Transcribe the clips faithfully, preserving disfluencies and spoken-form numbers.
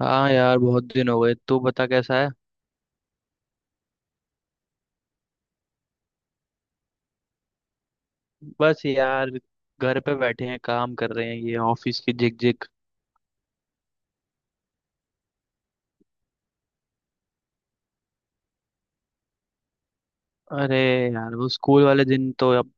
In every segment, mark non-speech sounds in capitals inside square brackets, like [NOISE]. हाँ यार, बहुत दिन हो गए। तू बता कैसा है। बस यार, घर पे बैठे हैं, काम कर रहे हैं, ये ऑफिस की झिकझिक। अरे यार, वो स्कूल वाले दिन तो अब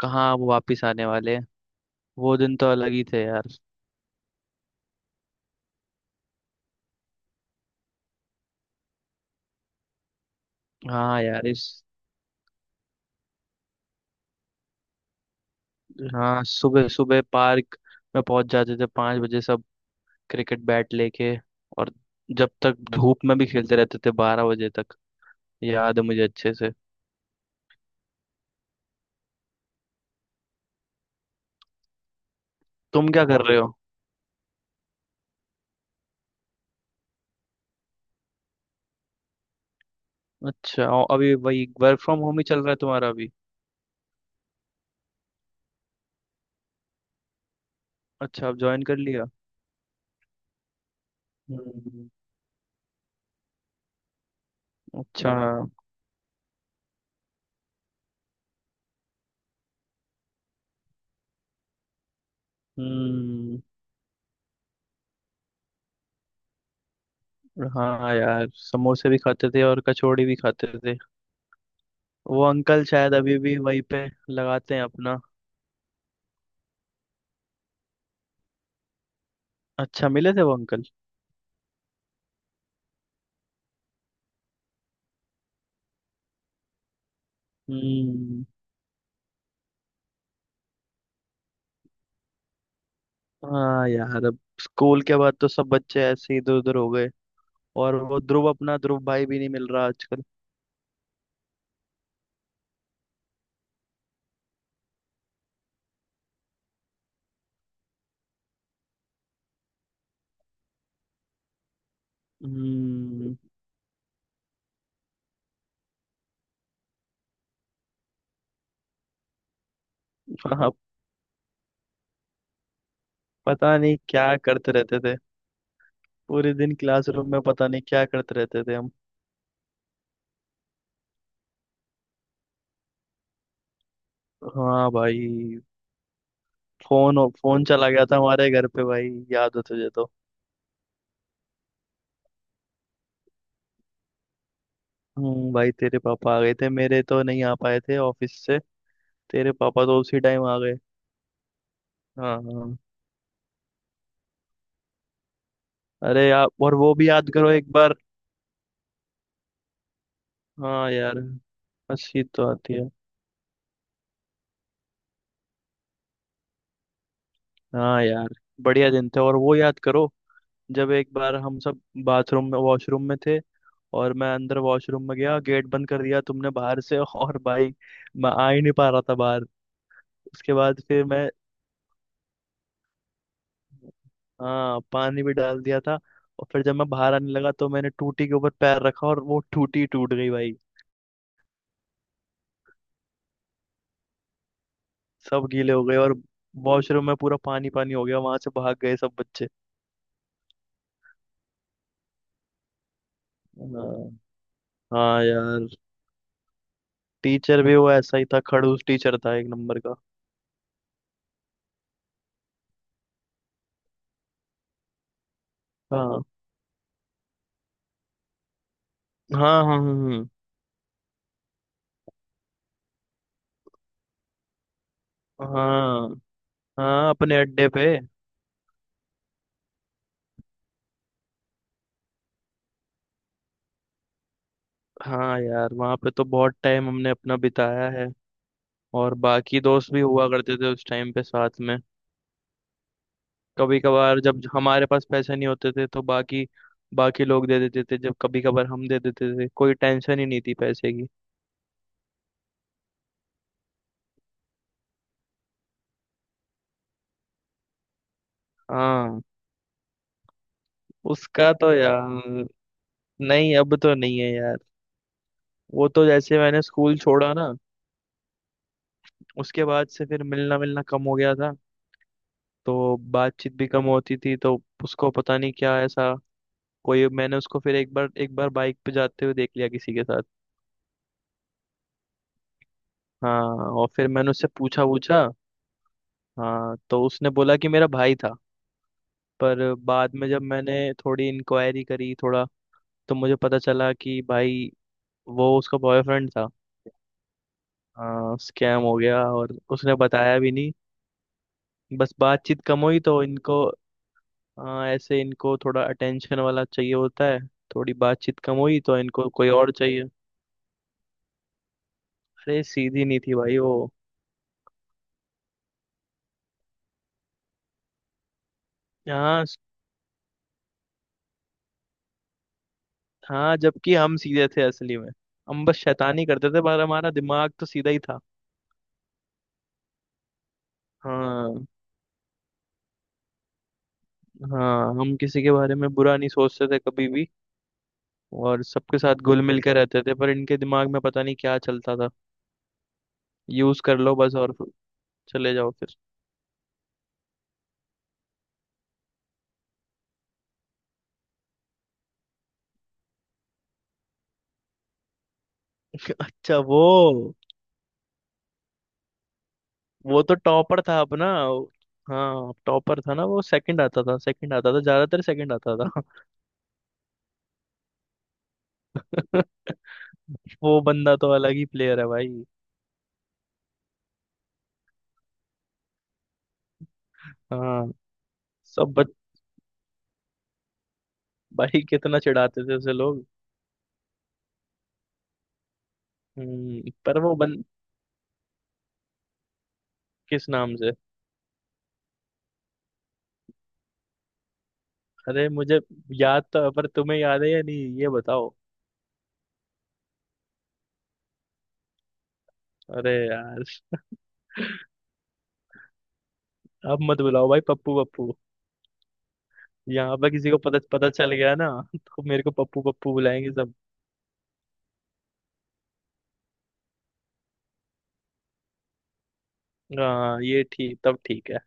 कहाँ वो वापिस आने वाले हैं। वो दिन तो अलग ही थे यार। हाँ यार इस हाँ सुबह सुबह पार्क में पहुंच जाते थे, पाँच बजे सब, क्रिकेट बैट लेके। और जब तक धूप में भी खेलते रहते थे, बारह बजे तक। याद है मुझे अच्छे से। तुम क्या कर रहे हो। अच्छा, और अभी वही वर्क फ्रॉम होम ही चल रहा है तुम्हारा अभी। अच्छा, अब ज्वाइन कर लिया। हम्म। अच्छा हाँ। हम्म। हाँ यार, समोसे भी खाते थे और कचौड़ी भी खाते थे। वो अंकल शायद अभी भी वहीं पे लगाते हैं अपना। अच्छा, मिले थे वो अंकल। हम्म। हाँ यार, अब स्कूल के बाद तो सब बच्चे ऐसे इधर उधर हो गए। और वो ध्रुव, अपना ध्रुव भाई भी नहीं मिल रहा आजकल। हम्म। हाँ, पता नहीं क्या करते रहते थे। पूरे दिन क्लासरूम में पता नहीं क्या करते रहते थे हम। हाँ भाई, फोन फोन चला गया था हमारे घर पे भाई, याद हो तुझे तो। हम्म, भाई तेरे पापा आ गए थे, मेरे तो नहीं आ पाए थे ऑफिस से। तेरे पापा तो उसी टाइम आ गए। हाँ हाँ। अरे यार, और वो भी याद करो एक बार। हाँ यार, हंसी तो आती है। हाँ यार, बढ़िया दिन थे। और वो याद करो, जब एक बार हम सब बाथरूम में, वॉशरूम में थे। और मैं अंदर वॉशरूम में गया, गेट बंद कर दिया तुमने बाहर से [LAUGHS] और भाई, मैं आ ही नहीं पा रहा था बाहर। उसके बाद फिर मैं, हाँ, पानी भी डाल दिया था। और फिर जब मैं बाहर आने लगा तो मैंने टूटी के ऊपर पैर रखा, और वो टूटी टूट गई भाई। सब गीले हो गए, और वॉशरूम में पूरा पानी पानी हो गया, वहां से भाग गए सब बच्चे। हाँ। हाँ यार, टीचर भी वो ऐसा ही था, खड़ूस टीचर था एक नंबर का। हाँ हाँ हाँ। हाँ हाँ हाँ, अपने अड्डे पे। हाँ यार, वहाँ पे तो बहुत टाइम हमने अपना बिताया है। और बाकी दोस्त भी हुआ करते थे उस टाइम पे साथ में। कभी कभार जब हमारे पास पैसे नहीं होते थे तो बाकी बाकी लोग दे देते थे, जब कभी कभार हम दे देते थे, कोई टेंशन ही नहीं थी पैसे की। हाँ। उसका तो यार, नहीं, अब तो नहीं है यार। वो तो जैसे मैंने स्कूल छोड़ा ना, उसके बाद से फिर मिलना मिलना कम हो गया था। तो बातचीत भी कम होती थी तो उसको पता नहीं क्या ऐसा। कोई, मैंने उसको फिर एक बार एक बार बाइक पे जाते हुए देख लिया किसी के साथ। हाँ। और फिर मैंने उससे पूछा पूछा। हाँ, तो उसने बोला कि मेरा भाई था। पर बाद में जब मैंने थोड़ी इंक्वायरी करी थोड़ा, तो मुझे पता चला कि भाई वो उसका बॉयफ्रेंड था। स्कैम हो गया, और उसने बताया भी नहीं। बस बातचीत कम हुई तो इनको, अ, ऐसे इनको थोड़ा अटेंशन वाला चाहिए होता है। थोड़ी बातचीत कम हुई तो इनको कोई और चाहिए। अरे सीधी नहीं थी भाई वो। हाँ स- हाँ, जबकि हम सीधे थे असली में। हम बस शैतानी करते थे पर हमारा दिमाग तो सीधा ही था। हाँ हाँ, हम किसी के बारे में बुरा नहीं सोचते थे कभी भी। और सबके साथ घुल मिल के रहते थे, पर इनके दिमाग में पता नहीं क्या चलता था। यूज कर लो बस, और चले जाओ फिर। अच्छा, वो वो तो टॉपर था अपना। हाँ, टॉपर था ना वो, सेकंड आता था, सेकंड आता था, ज्यादातर सेकंड आता था। [LAUGHS] वो बंदा तो अलग ही प्लेयर है भाई। हाँ। सब बच, भाई कितना चिढ़ाते थे उसे लोग। हम्म पर वो बन किस नाम से। अरे मुझे याद तो है, पर तुम्हें याद है या नहीं ये बताओ। अरे यार, अब मत बुलाओ भाई पप्पू पप्पू। यहाँ पर किसी को पता पता चल गया ना [LAUGHS] तो मेरे को पप्पू पप्पू बुलाएंगे सब। हाँ ये ठीक, तब ठीक है।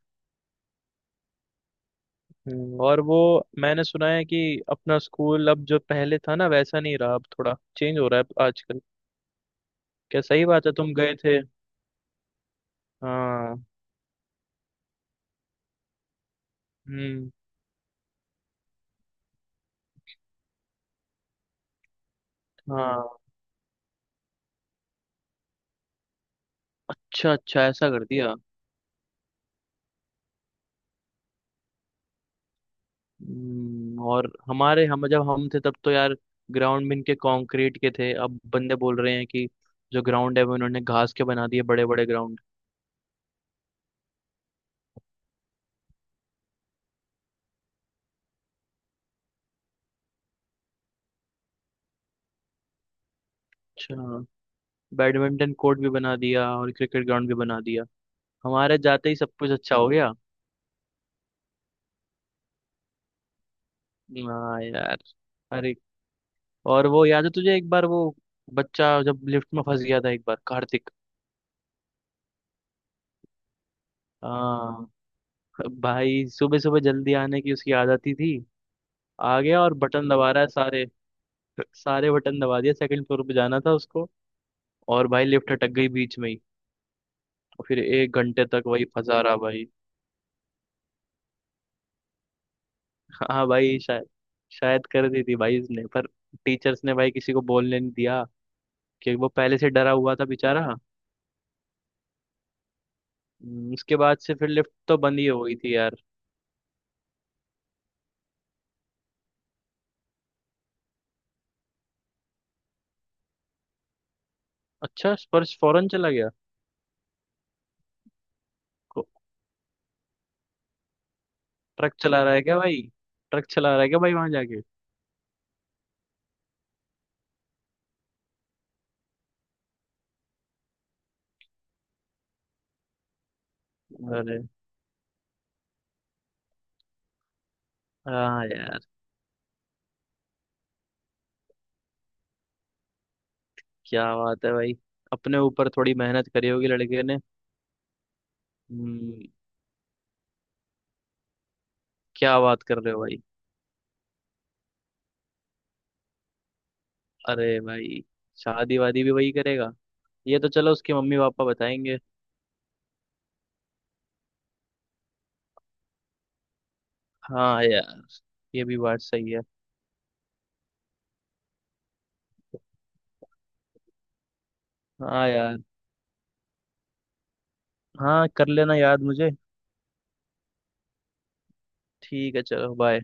हम्म, और वो मैंने सुना है कि अपना स्कूल अब, जो पहले था ना, वैसा नहीं रहा, अब थोड़ा चेंज हो रहा है आजकल। क्या, सही बात है, तुम गए थे। हाँ। हम्म। हाँ। अच्छा अच्छा, ऐसा कर दिया। हम्म, और हमारे, हम जब हम थे तब तो यार, ग्राउंड भी इनके कंक्रीट के थे। अब बंदे बोल रहे हैं कि जो ग्राउंड है वो इन्होंने घास के बना दिए, बड़े बड़े ग्राउंड। अच्छा, बैडमिंटन कोर्ट भी बना दिया और क्रिकेट ग्राउंड भी बना दिया। हमारे जाते ही सब कुछ अच्छा हो गया। हाँ यार। अरे, और वो याद है तुझे, एक बार वो बच्चा जब लिफ्ट में फंस गया था, एक बार, कार्तिक। हाँ भाई, सुबह सुबह जल्दी आने की उसकी आदत ही थी। आ गया और बटन दबा रहा है सारे सारे बटन दबा दिया, सेकंड फ्लोर पे जाना था उसको। और भाई लिफ्ट अटक गई बीच में ही। और फिर एक घंटे तक वही फंसा रहा भाई। हाँ भाई, शायद शायद कर दी थी भाई इसने, पर टीचर्स ने भाई किसी को बोलने नहीं दिया, कि वो पहले से डरा हुआ था बेचारा। हम्म, उसके बाद से फिर लिफ्ट तो बंद ही हो गई थी यार। अच्छा, स्पर्श फौरन चला गया। को- ट्रक चला रहा है क्या भाई। ट्रक चला रहा है क्या भाई वहां जाके। अरे। हाँ यार, क्या बात है भाई। अपने ऊपर थोड़ी मेहनत करी होगी लड़के ने। हम्म। क्या बात कर रहे हो भाई। अरे भाई, शादी वादी भी वही करेगा। ये तो चलो, उसके मम्मी पापा बताएंगे। हाँ यार, ये भी बात सही है। हाँ यार। हाँ, कर लेना याद मुझे। ठीक है, चलो बाय।